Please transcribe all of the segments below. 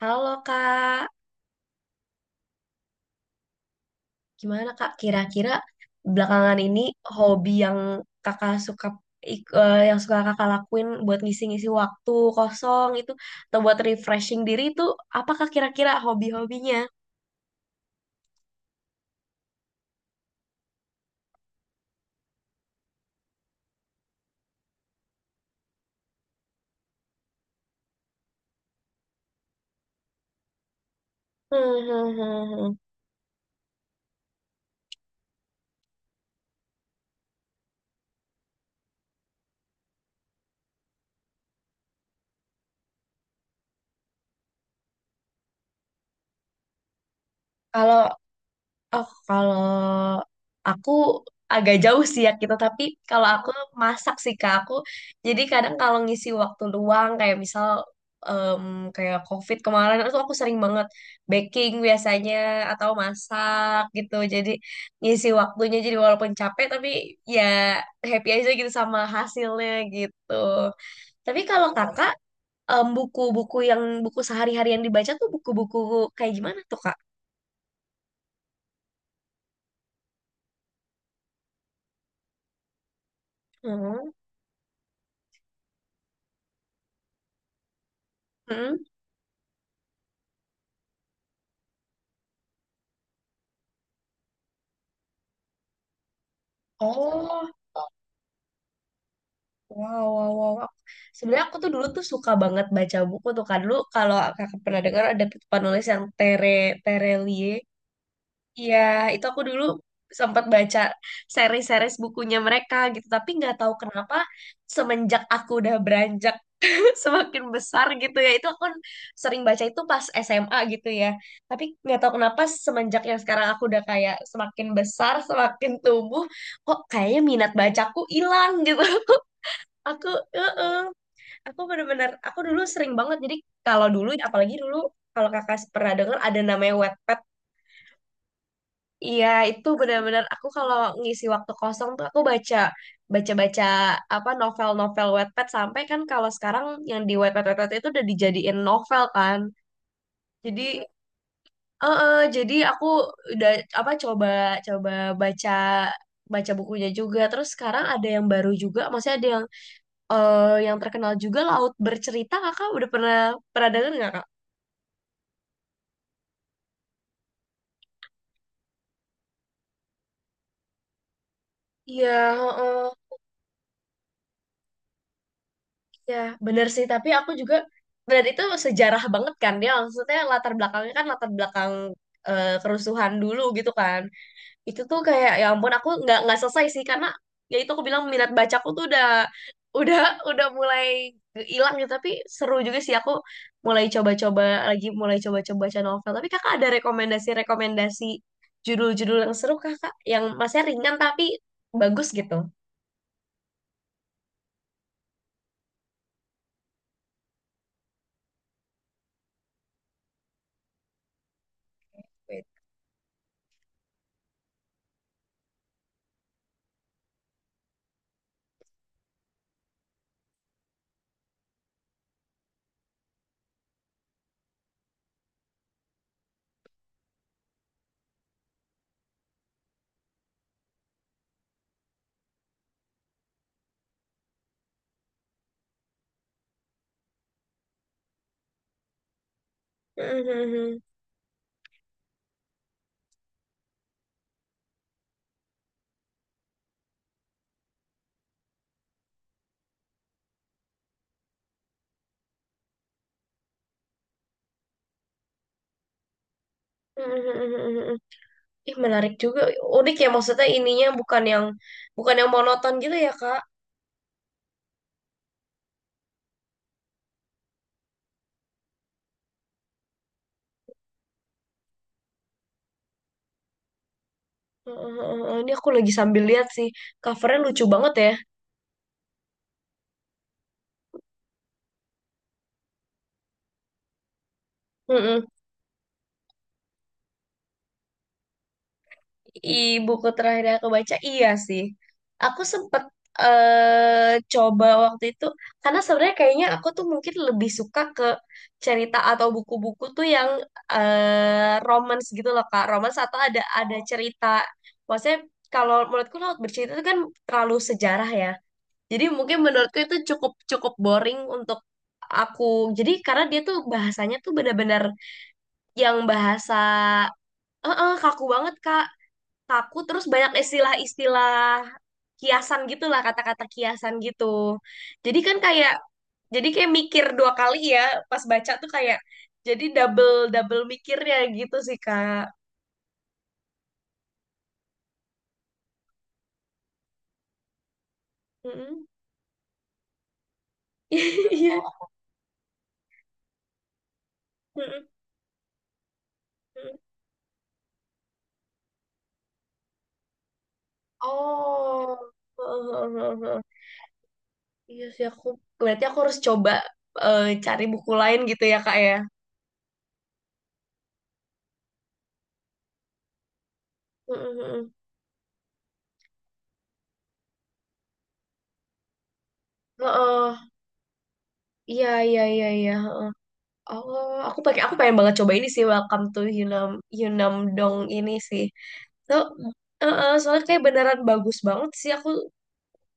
Halo Kak, gimana Kak? Kira-kira belakangan ini hobi yang Kakak suka ik- eh, yang suka Kakak lakuin buat ngisi-ngisi waktu kosong itu atau buat refreshing diri itu apakah kira-kira hobi-hobinya? Hmm, hmm, hmm, hmm. Kalau Oh, kalau aku agak jauh sih ya kita, tapi kalau aku masak sih Kak. Aku jadi kadang kalau ngisi waktu luang kayak misal em, kayak COVID kemarin itu aku sering banget baking biasanya atau masak gitu. Jadi ngisi waktunya jadi walaupun capek tapi ya happy aja gitu sama hasilnya gitu. Tapi kalau Kakak buku-buku yang buku sehari-hari yang dibaca tuh buku-buku kayak gimana tuh Kak? Hmm. Oh, wow, wow, wow, wow. Sebenarnya aku tuh dulu tuh suka banget baca buku tuh kan dulu kalau kakak pernah dengar ada penulis yang Terelie. Iya, itu aku dulu sempat baca seri-series bukunya mereka gitu, tapi nggak tahu kenapa semenjak aku udah beranjak semakin besar gitu ya, itu aku sering baca itu pas SMA gitu ya. Tapi nggak tahu kenapa semenjak yang sekarang aku udah kayak semakin besar, semakin tumbuh, kok kayaknya minat bacaku hilang gitu. Aku, eh Aku bener-bener, aku dulu sering banget. Jadi kalau dulu, apalagi dulu, kalau kakak pernah dengar ada namanya Wattpad. Iya, itu benar-benar aku kalau ngisi waktu kosong tuh aku baca, baca-baca apa novel-novel Wattpad sampai kan kalau sekarang yang di Wattpad, Wattpad itu udah dijadiin novel kan. Jadi, jadi aku udah apa coba coba baca baca bukunya juga. Terus sekarang ada yang baru juga, maksudnya ada yang terkenal juga Laut Bercerita kakak udah pernah pernah denger nggak kak? Iya, heeh, ya bener sih. Tapi aku juga benar itu sejarah banget kan dia. Maksudnya latar belakangnya kan latar belakang kerusuhan dulu gitu kan. Itu tuh kayak ya ampun aku nggak selesai sih karena ya itu aku bilang minat bacaku tuh udah udah mulai hilang gitu. Tapi seru juga sih aku mulai coba-coba lagi mulai coba-coba baca novel tapi kakak ada rekomendasi-rekomendasi judul-judul yang seru kakak yang masnya ringan tapi bagus gitu. Mhm. Mhm. Ih, menarik juga unik ya maksudnya ininya bukan yang monoton gitu ya kak. Mhm. Ini aku lagi sambil lihat sih covernya lucu banget ya. Mhm. I, buku terakhir yang aku baca, iya sih. Aku sempet coba waktu itu, karena sebenarnya kayaknya aku tuh mungkin lebih suka ke cerita atau buku-buku tuh yang romance gitu loh, Kak. Romance atau ada cerita. Maksudnya kalau menurutku Laut Bercerita itu kan terlalu sejarah ya. Jadi mungkin menurutku itu cukup cukup boring untuk aku. Jadi karena dia tuh bahasanya tuh benar-benar yang bahasa kaku banget, Kak. Kaku terus banyak istilah-istilah kiasan gitulah kata-kata kiasan gitu jadi kan kayak jadi kayak mikir dua kali ya pas baca tuh kayak jadi double double mikirnya gitu sih kak. Mm-mm. Iya. Mm-mm. Mm-mm. Oh. Iya sih aku berarti aku harus coba cari buku lain gitu ya kak ya. Mm-mm. Heeh. Iya, iya, iya, iya. Oh, aku pengen banget coba ini sih Welcome to Yunam Yunam Dong ini sih. So, soalnya kayak beneran bagus banget sih aku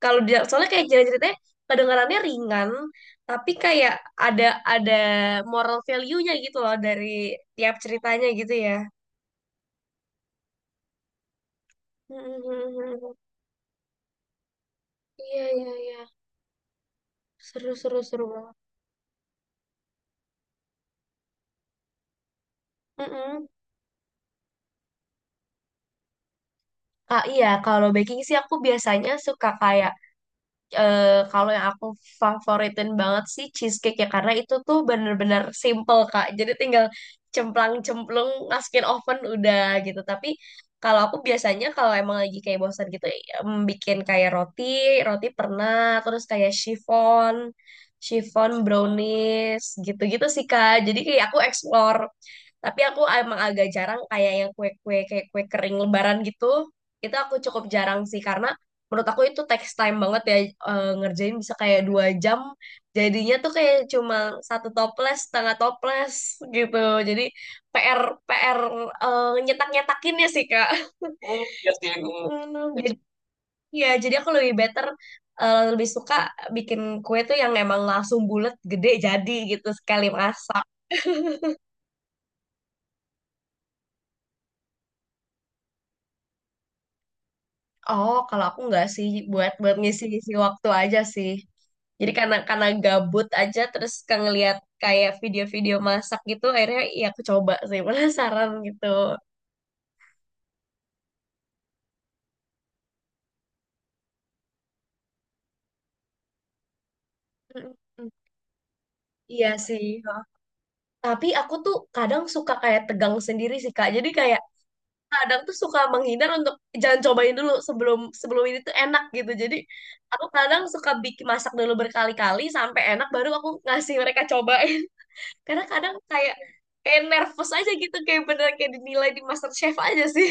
kalau dia soalnya kayak cerita-ceritanya kedengarannya ringan tapi kayak ada ada moral value-nya gitu loh dari tiap ceritanya gitu ya. Mm-mm. Iya, iya, iya. Seru, seru, seru banget. Mm-mm. Ah, iya, kalau baking sih aku biasanya suka kayak eh, kalau yang aku favoritin banget sih cheesecake ya karena itu tuh bener-bener simple Kak. Jadi tinggal cemplang-cemplung masukin oven udah gitu. Tapi kalau aku biasanya kalau emang lagi kayak bosan gitu bikin kayak roti, roti pernah, terus kayak chiffon, chiffon brownies gitu-gitu sih Kak. Jadi kayak aku explore. Tapi aku emang agak jarang kayak yang kue-kue kayak kue kering lebaran gitu. Itu aku cukup jarang sih karena menurut aku itu text time banget ya ngerjain bisa kayak 2 jam jadinya tuh kayak cuma satu toples setengah toples gitu jadi PR PR nyetakinnya sih Kak. Oh iya sih. Aku hmm, jadi ya jadi aku lebih suka bikin kue tuh yang emang langsung bulat gede jadi gitu sekali masak. Oh kalau aku nggak sih buat buat ngisi-ngisi waktu aja sih. Jadi karena gabut aja terus kan ngeliat kayak video-video masak gitu akhirnya ya aku coba sih. Penasaran gitu. Mm-mm. Iya sih. Oh, tapi aku tuh kadang suka kayak tegang sendiri sih Kak. Jadi kayak kadang tuh suka menghindar untuk jangan cobain dulu sebelum sebelum ini tuh enak gitu. Jadi aku kadang suka bikin masak dulu berkali-kali sampai enak baru aku ngasih mereka cobain. Karena kadang kayak kayak nervous aja gitu kayak bener kayak dinilai di MasterChef aja sih.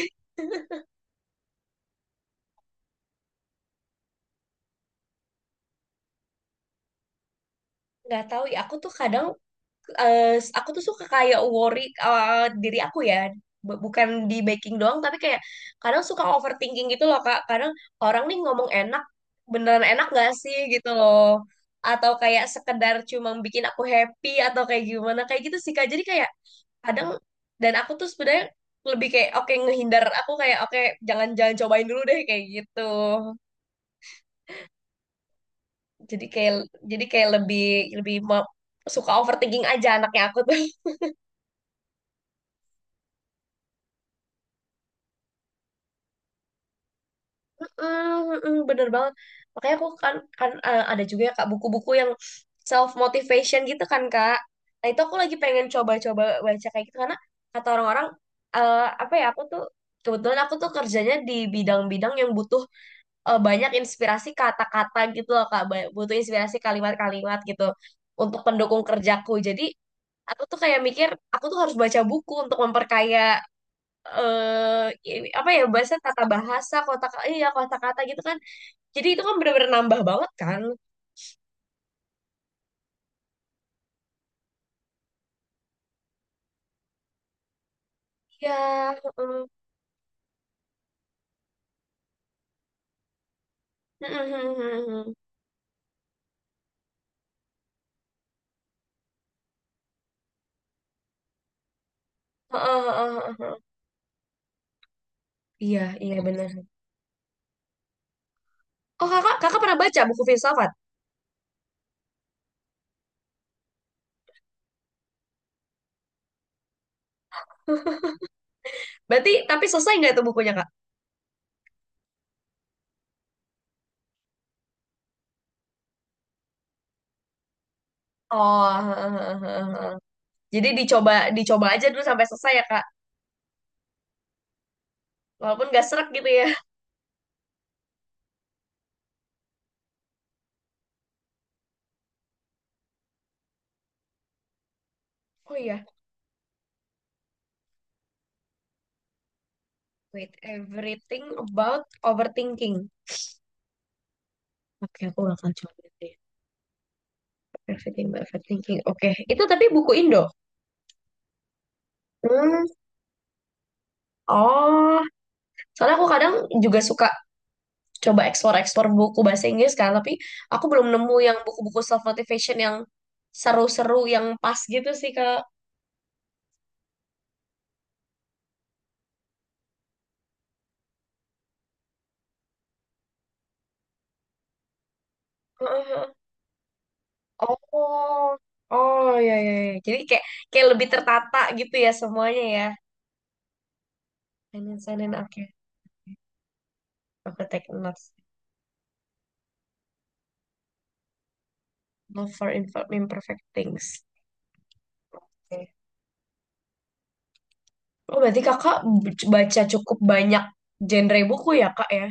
Nggak tahu ya aku tuh kadang eh, aku tuh suka kayak worry diri aku ya. Bukan di baking doang tapi kayak kadang suka overthinking gitu loh Kak. Kadang orang nih ngomong enak beneran enak gak sih gitu loh atau kayak sekedar cuma bikin aku happy atau kayak gimana kayak gitu sih Kak jadi kayak kadang dan aku tuh sebenarnya lebih kayak oke ngehindar aku kayak oke jangan jangan cobain dulu deh kayak gitu jadi kayak jadi kayak lebih lebih mau- suka overthinking aja anaknya aku tuh. Mm, mm, bener banget. Makanya aku kan, kan eh, ada juga ya Kak buku-buku yang self motivation gitu kan Kak. Nah, itu aku lagi pengen coba-coba baca kayak gitu karena kata orang-orang apa ya aku tuh kebetulan aku tuh kerjanya di bidang-bidang yang butuh banyak inspirasi kata-kata gitu loh Kak. Butuh inspirasi kalimat-kalimat gitu untuk pendukung kerjaku. Jadi, aku tuh kayak mikir aku tuh harus baca buku untuk memperkaya apa ya bahasa tata bahasa kotak iya kata kata gitu kan jadi itu kan bener-bener nambah banget kan? Iya. Heeh. Heeh, heeh, heeh, heeh. Iya, iya benar. Oh kakak, kakak pernah baca buku filsafat? Berarti tapi selesai nggak itu bukunya kak? Oh, heeh, heeh, heeh, heeh. Jadi dicoba dicoba aja dulu sampai selesai ya kak, walaupun nggak serak gitu ya. Oh iya, wait, everything about overthinking. Oke, aku bakal coba deh. Everything about overthinking. Oke, itu tapi buku Indo. Hmm. Oh, soalnya aku kadang juga suka coba eksplor-eksplor buku bahasa Inggris kan, tapi aku belum nemu yang buku-buku self motivation yang seru-seru yang pas gitu sih Kak. Heeh. Oh, oh ya ya, ya. Jadi kayak kayak lebih tertata gitu ya semuanya ya. Finance, finance, oke. Aku take notes. Not for imperfect things. Oke. Oh, berarti kakak baca cukup banyak genre buku ya kak ya?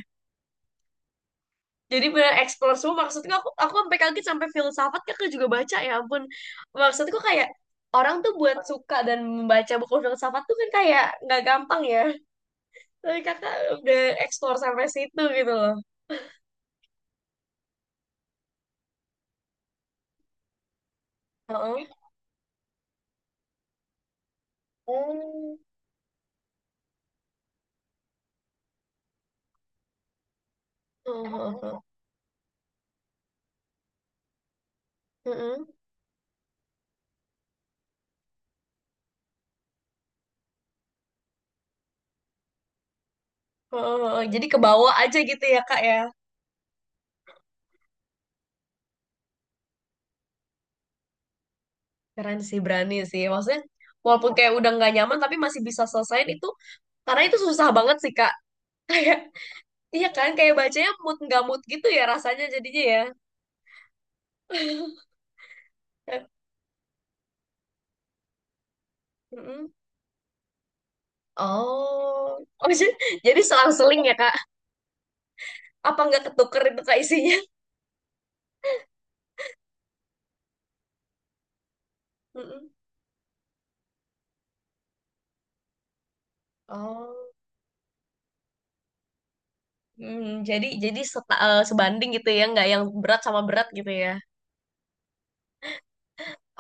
Jadi benar explore semua maksudnya aku sampai kaget sampai filsafat kan aku juga baca ya ampun. Maksudku kayak orang tuh buat suka dan membaca buku filsafat tuh kan kayak nggak gampang ya. Tapi kakak udah explore sampai situ gitu loh. Heeh. Oh. Heeh, heeh, heeh. Heeh, heeh. Jadi ke bawah aja gitu ya kak ya. Keren sih berani sih. Maksudnya walaupun kayak udah nggak nyaman tapi masih bisa selesaiin itu karena itu susah banget sih kak. Kayak iya kan kayak bacanya mood nggak mood gitu ya rasanya jadinya ya. Mm-mm. Oh. Oh jadi selang-seling ya Kak? Apa nggak ketuker itu Kak isinya? Mm-mm. Oh, hmm, jadi sebanding gitu ya, nggak yang berat sama berat gitu ya?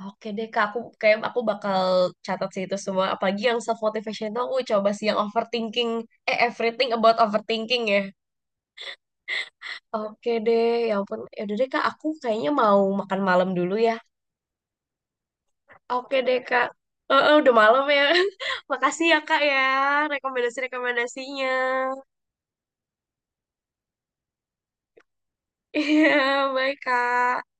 Oke deh Kak, aku kayak aku bakal catat sih itu semua. Apalagi yang self motivation tuh aku coba sih yang overthinking, everything about overthinking ya. Oke deh, ya ampun. Ya udah deh Kak, aku kayaknya mau makan malam dulu ya. Oke deh Kak. Udah malam ya. Makasih ya Kak ya rekomendasi-rekomendasinya. Iya, baik Kak.